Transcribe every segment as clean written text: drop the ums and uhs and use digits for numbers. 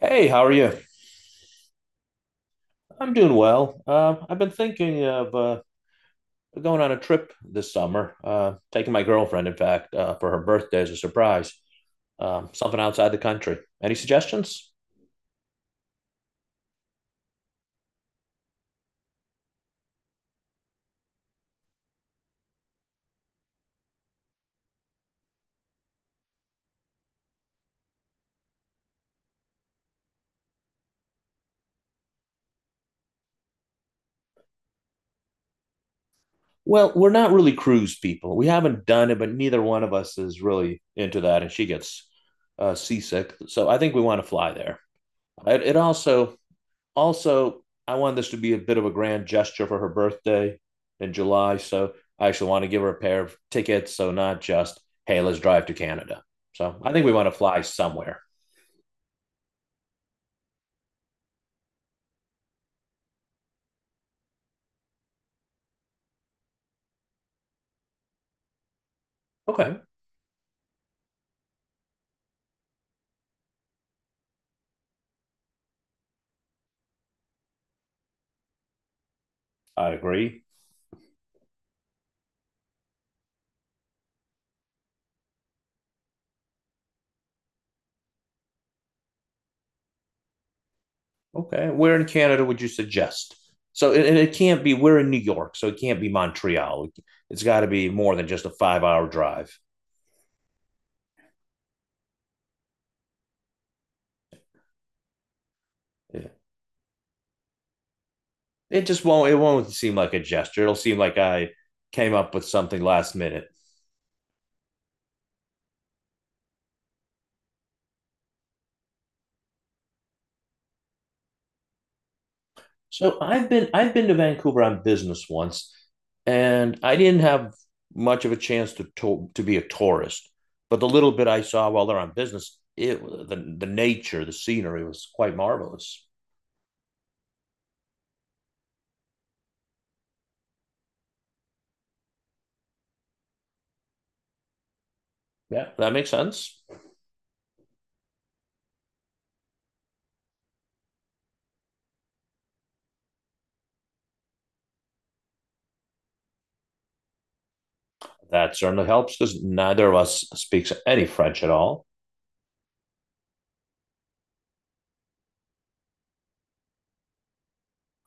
Hey, how are you? I'm doing well. I've been thinking of going on a trip this summer, taking my girlfriend, in fact, for her birthday as a surprise, something outside the country. Any suggestions? Well, we're not really cruise people. We haven't done it, but neither one of us is really into that, and she gets seasick. So I think we want to fly there. It also Also, I wanted this to be a bit of a grand gesture for her birthday in July. So I actually want to give her a pair of tickets. So not just, hey, let's drive to Canada. So I think we want to fly somewhere. Okay. I agree. Okay. Where in Canada would you suggest? So it can't be, we're in New York. So it can't be Montreal. It's got to be more than just a 5 hour drive. Yeah. It won't seem like a gesture. It'll seem like I came up with something last minute. So I've been to Vancouver on business once, and I didn't have much of a chance to to be a tourist. But the little bit I saw while they're on business, it the nature, the scenery was quite marvelous. Yeah, that makes sense. That certainly helps because neither of us speaks any French at all.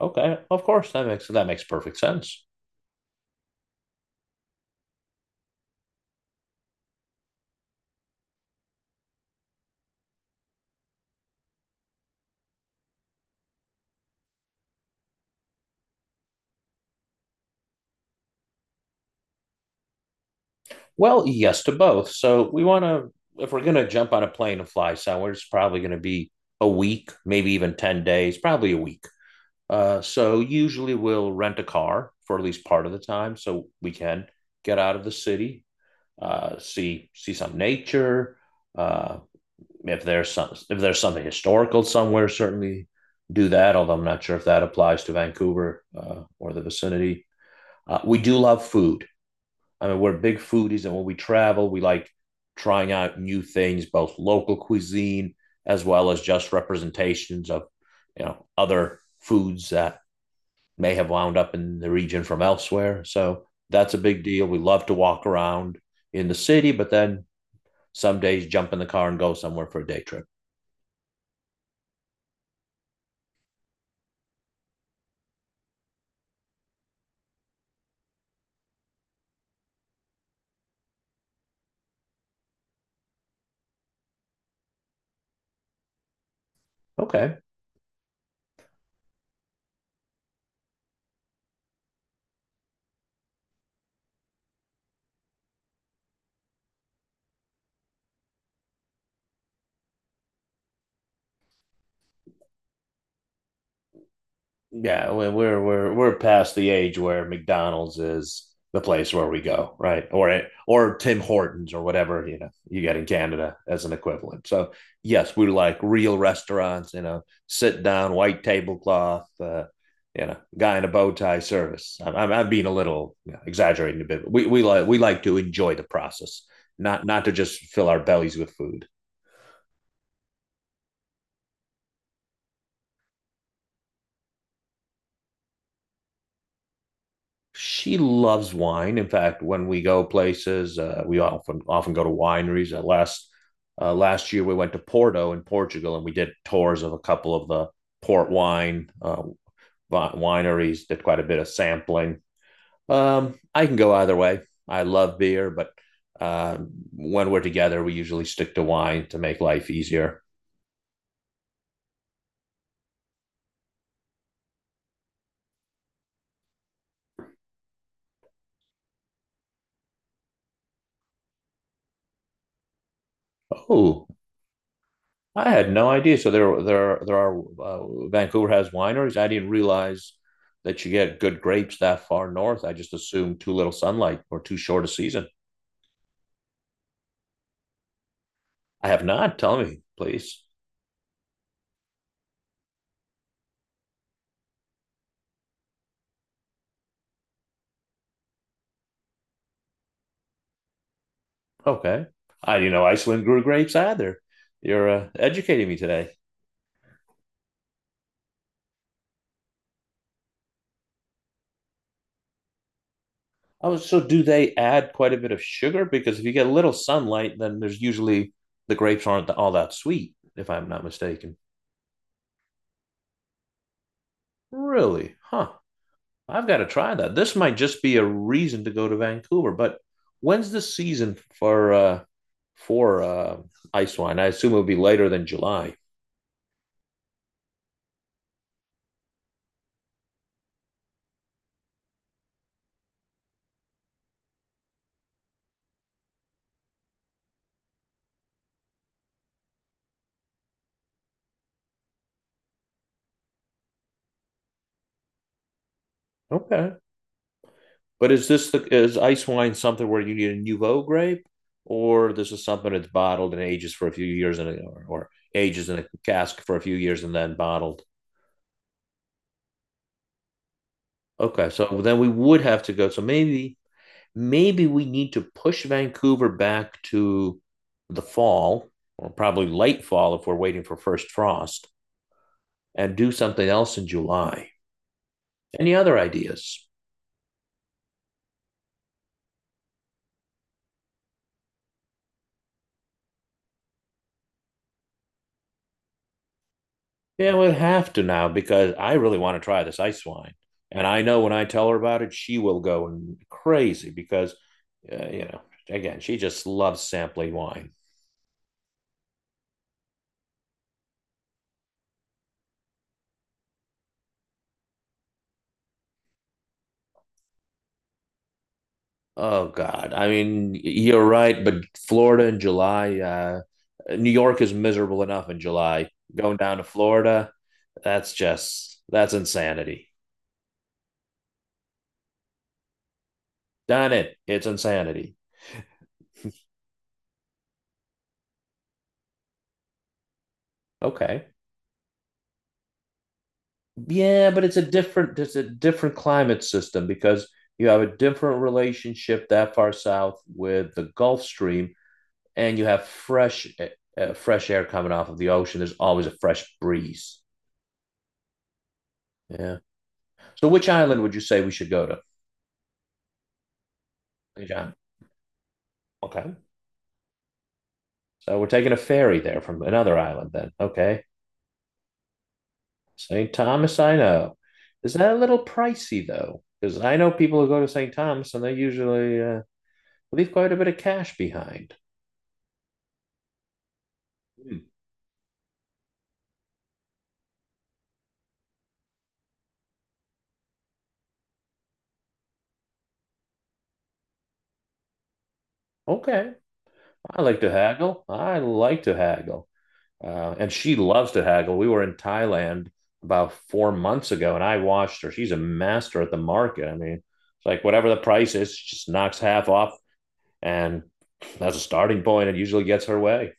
Okay, of course that makes perfect sense. Well, yes to both. So we want to if we're going to jump on a plane and fly somewhere, it's probably going to be a week, maybe even 10 days, probably a week. So usually we'll rent a car for at least part of the time, so we can get out of the city, see some nature. Uh, if there's something historical somewhere, certainly do that. Although I'm not sure if that applies to Vancouver or the vicinity. We do love food. I mean, we're big foodies, and when we travel, we like trying out new things, both local cuisine as well as just representations of you know other foods that may have wound up in the region from elsewhere. So that's a big deal. We love to walk around in the city, but then some days jump in the car and go somewhere for a day trip. Okay. Yeah, are we're past the age where McDonald's is the place where we go, right? Or Tim Hortons or whatever you know you get in Canada as an equivalent. So yes, we like real restaurants, you know, sit down, white tablecloth, you know, guy in a bow tie service. Being a little you know, exaggerating a bit. We we like to enjoy the process, not to just fill our bellies with food. She loves wine. In fact, when we go places, we often go to wineries. Last year, we went to Porto in Portugal, and we did tours of a couple of the port wine wineries. Did quite a bit of sampling. I can go either way. I love beer, but uh, when we're together, we usually stick to wine to make life easier. Oh, I had no idea. So there are Vancouver has wineries. I didn't realize that you get good grapes that far north. I just assumed too little sunlight or too short a season. I have not. Tell me, please. Okay. I didn't know Iceland grew grapes either. You're educating me today. Oh, so do they add quite a bit of sugar? Because if you get a little sunlight, then there's usually the grapes aren't all that sweet, if I'm not mistaken. Really? Huh. I've got to try that. This might just be a reason to go to Vancouver. But when's the season for for uh, ice wine? I assume it would be later than July. Okay, but is this the is ice wine something where you need a nouveau grape, or this is something that's bottled and ages for a few years and or ages in a cask for a few years and then bottled? Okay, so then we would have to go. So maybe we need to push Vancouver back to the fall or probably late fall if we're waiting for first frost and do something else in July. Any other ideas? Yeah, we'd have to now because I really want to try this ice wine. And I know when I tell her about it, she will go crazy because, you know, again, she just loves sampling wine. Oh God, I mean, you're right, but Florida in July, New York is miserable enough in July. Going down to Florida, that's insanity. Done it. It's insanity. Okay. Yeah, but it's a different climate system because you have a different relationship that far south with the Gulf Stream and you have fresh fresh air coming off of the ocean. There's always a fresh breeze. Yeah. So which island would you say we should go to? Which island? Okay. So we're taking a ferry there from another island then. Okay. St. Thomas, I know. Is that a little pricey though? Because I know people who go to St. Thomas and they usually leave quite a bit of cash behind. Hmm. Okay. I like to haggle. And she loves to haggle. We were in Thailand about 4 months ago and I watched her. She's a master at the market. I mean, it's like whatever the price is, she just knocks half off and that's a starting point. It usually gets her way.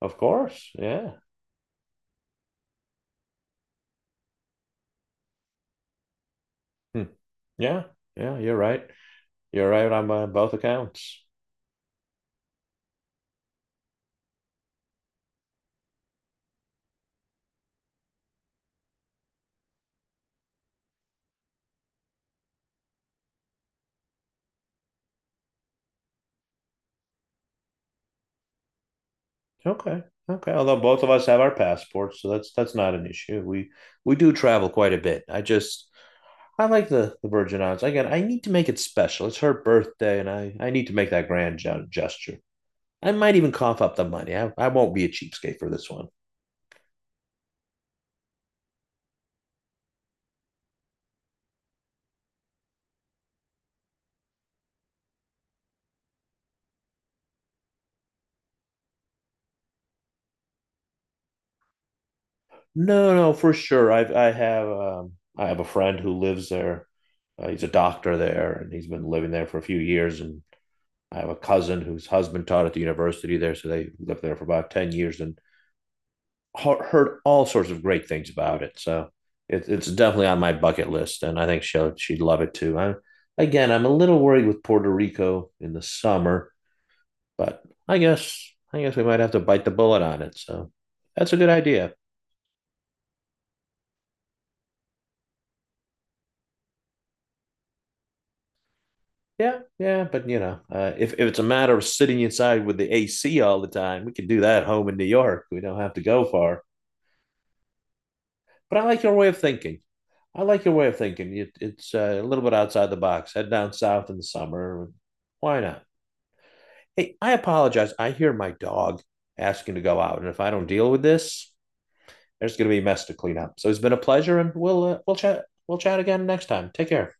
Of course. Yeah. Hmm. Yeah. Yeah. You're right. You're right on both accounts. Okay. Okay. Although both of us have our passports, so that's not an issue. We do travel quite a bit. I just I like the Virgin Islands. Again, I need to make it special. It's her birthday, and I need to make that grand gesture. I might even cough up the money. I won't be a cheapskate for this one. No, no, for sure. I have a friend who lives there. He's a doctor there, and he's been living there for a few years. And I have a cousin whose husband taught at the university there, so they lived there for about 10 years. And heard all sorts of great things about it. So it's definitely on my bucket list, and I think she'd love it too. I'm a little worried with Puerto Rico in the summer, but I guess we might have to bite the bullet on it. So that's a good idea. Yeah, but you know, if it's a matter of sitting inside with the AC all the time, we can do that home in New York. We don't have to go far. But I like your way of thinking. I like your way of thinking. It's a little bit outside the box. Head down south in the summer. Why not? Hey, I apologize. I hear my dog asking to go out, and if I don't deal with this, there's going to be a mess to clean up. So it's been a pleasure, and we'll we'll chat again next time. Take care.